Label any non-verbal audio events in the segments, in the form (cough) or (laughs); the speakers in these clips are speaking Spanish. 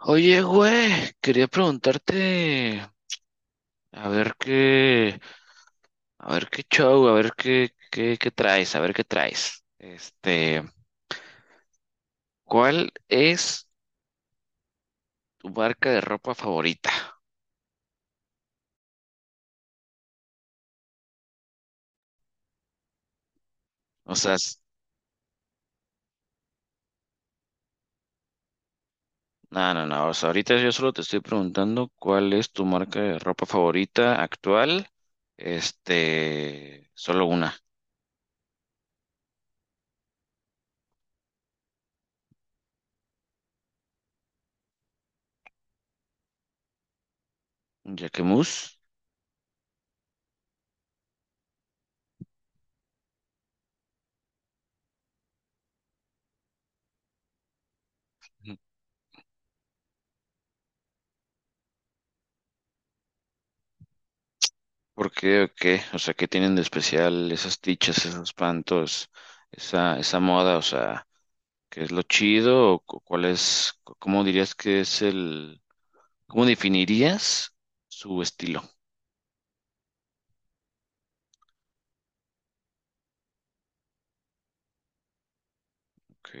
Oye, güey, quería preguntarte, a ver qué, a ver qué show, a ver qué traes, a ver qué traes. ¿Cuál es tu marca de ropa favorita? O sea, s- no, no, no, o sea, ahorita yo solo te estoy preguntando cuál es tu marca de ropa favorita actual. Solo una, Jacquemus. ¿Por qué o qué? O sea, ¿qué tienen de especial esas tichas, esos pantos, esa moda? O sea, ¿qué es lo chido? ¿O cómo dirías que es el, cómo definirías su estilo? Ok,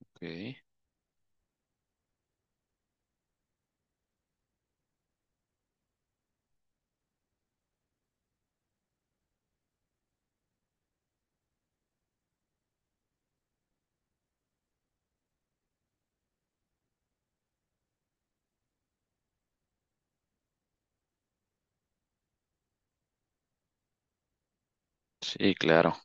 ok. Sí, claro.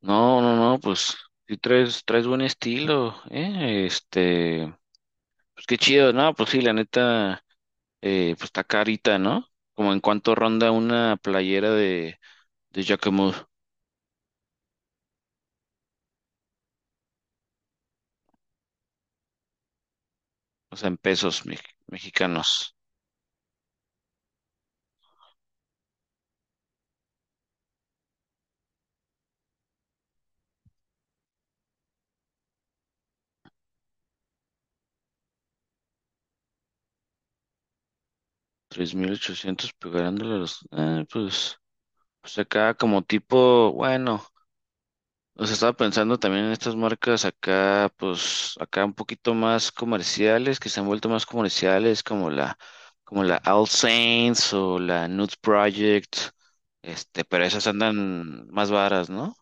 No, no, no, pues sí traes, buen estilo, ¿eh? Pues qué chido, ¿no? Pues sí, la neta, pues está carita, ¿no? Como en cuánto ronda una playera de, Jacquemus, o sea, en pesos mexicanos. 3.800 pegándole a los. Pues acá como tipo, bueno. O sea, estaba pensando también en estas marcas acá, pues acá un poquito más comerciales, que se han vuelto más comerciales, como la All Saints o la Nude Project, pero esas andan más varas, ¿no?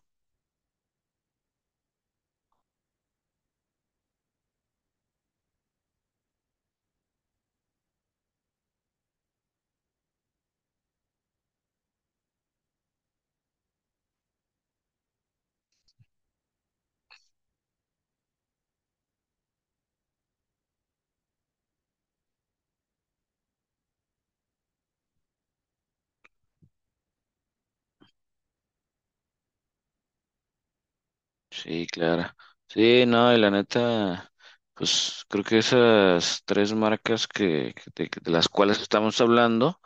Sí, claro. Sí, no, y la neta, pues creo que esas tres marcas de las cuales estamos hablando,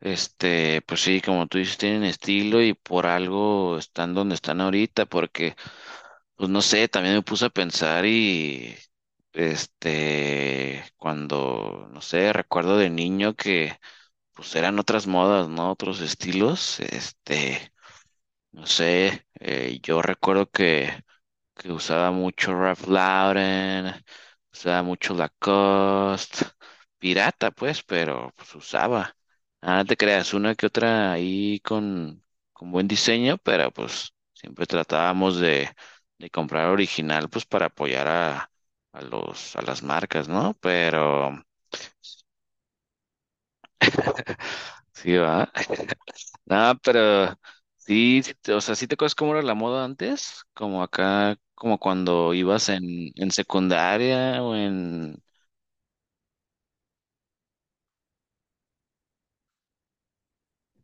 pues sí, como tú dices, tienen estilo y por algo están donde están ahorita, porque pues no sé, también me puse a pensar y cuando, no sé, recuerdo de niño que pues eran otras modas, ¿no? Otros estilos, no sé, yo recuerdo que usaba mucho Ralph Lauren, usaba mucho Lacoste, pirata pues, pero pues usaba. Ah, no te creas, una que otra ahí con, buen diseño, pero pues siempre tratábamos de comprar original pues para apoyar a las marcas, ¿no? Pero sí, va. (laughs) No, pero sí, sí te acuerdas cómo era la moda antes, como acá, como cuando ibas en secundaria o en.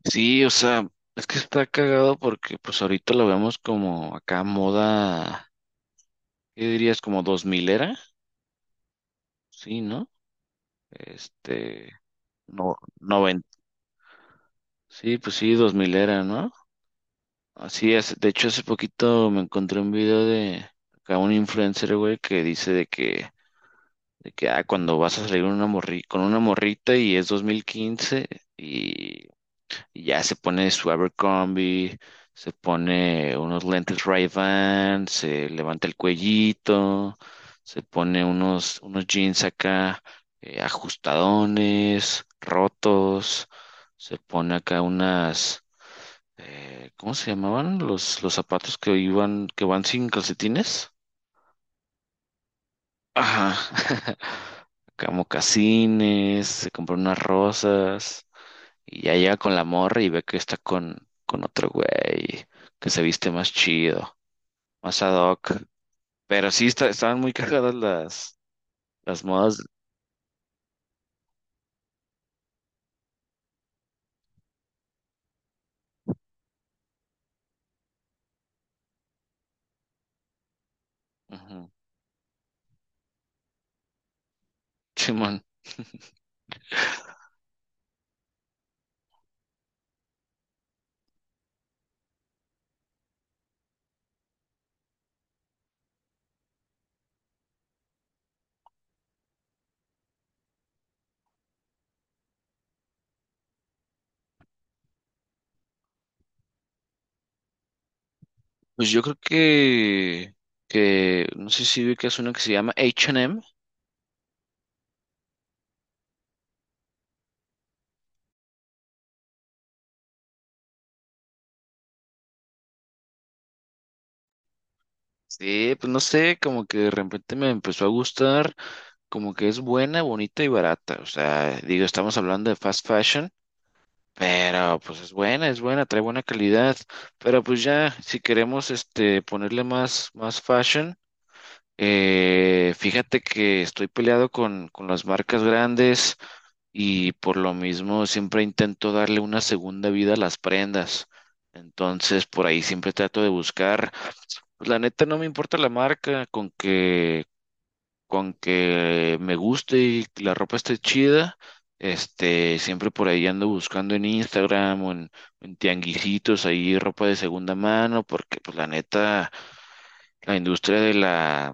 Sí, o sea, es que está cagado porque pues ahorita lo vemos como acá moda. ¿Qué dirías? Como 2000 era, sí, ¿no? Este, no, 90, sí, pues sí, 2000 era, ¿no? Así es, de hecho hace poquito me encontré un video de acá un influencer, güey, que dice de que cuando vas a salir una morri con una morrita y es 2015. Y ya se pone su Abercrombie, se pone unos lentes Ray-Ban, se levanta el cuellito, se pone unos jeans acá ajustadones, rotos, se pone acá unas, ¿cómo se llamaban? Los zapatos que iban, que van sin calcetines. Ajá. (laughs) Acá mocasines, se compró unas rosas. Y ya llega con la morra y ve que está con, otro güey, que se viste más chido, más ad hoc. Pero sí, estaban muy cagadas las modas. Ujú. (laughs) Simón. Pues yo creo que, no sé si vi que es uno que se llama H&M. Sí, pues no sé, como que de repente me empezó a gustar, como que es buena, bonita y barata. O sea, digo, estamos hablando de fast fashion. Pero pues es buena, trae buena calidad. Pero pues ya, si queremos ponerle más, fashion, fíjate que estoy peleado con las marcas grandes y por lo mismo siempre intento darle una segunda vida a las prendas. Entonces por ahí siempre trato de buscar. Pues la neta no me importa la marca, con que me guste y que la ropa esté chida, siempre por ahí ando buscando en Instagram o en, tianguisitos ahí ropa de segunda mano, porque pues la neta, la industria de la,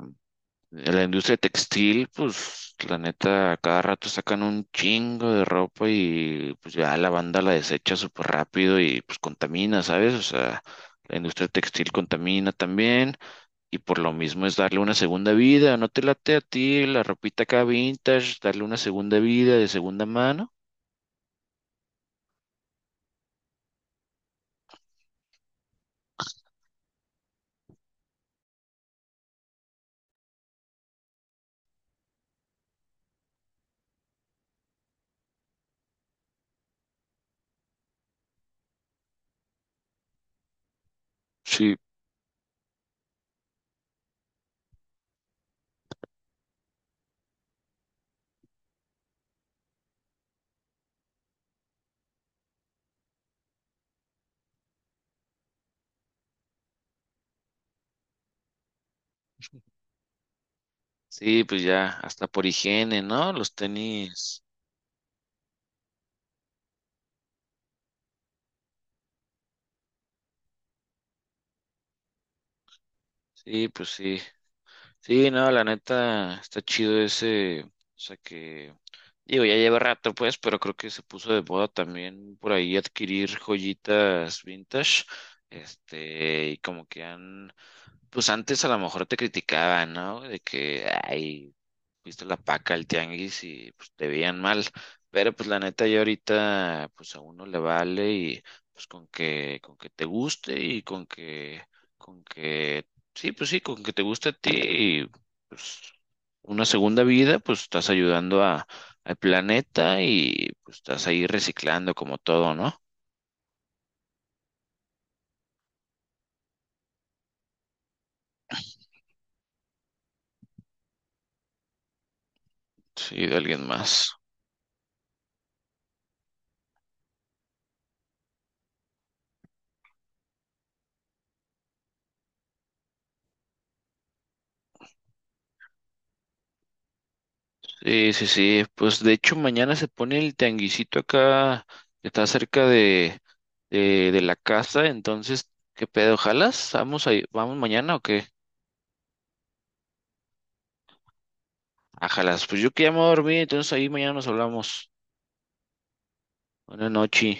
de la industria textil, pues la neta, a cada rato sacan un chingo de ropa y pues ya la banda la desecha súper rápido y pues contamina, ¿sabes? O sea, la industria textil contamina también. Y por lo mismo es darle una segunda vida. ¿No te late a ti la ropita acá vintage? Darle una segunda vida de segunda mano. Sí, sí, pues ya, hasta por higiene, ¿no? Los tenis. Sí, pues sí. Sí, no, la neta, está chido ese. O sea que, digo, ya lleva rato, pues, pero creo que se puso de moda también por ahí adquirir joyitas vintage. Y como que han, pues antes a lo mejor te criticaban, ¿no? De que, ay, viste la paca el tianguis y pues te veían mal. Pero pues la neta ya ahorita pues a uno le vale y pues con que te guste y con que sí, pues sí, con que te guste a ti y pues una segunda vida, pues estás ayudando a al planeta y pues estás ahí reciclando como todo, ¿no? Sí, de alguien más. Sí, sí, sí. Pues de hecho mañana se pone el tianguisito acá, que está cerca de, de la casa. Entonces, ¿qué pedo? ¿Jalas? ¿Vamos ahí? ¿Vamos mañana o qué? Ah, jalas. Pues yo que ya me voy a dormir, entonces ahí mañana nos hablamos. Buenas noches.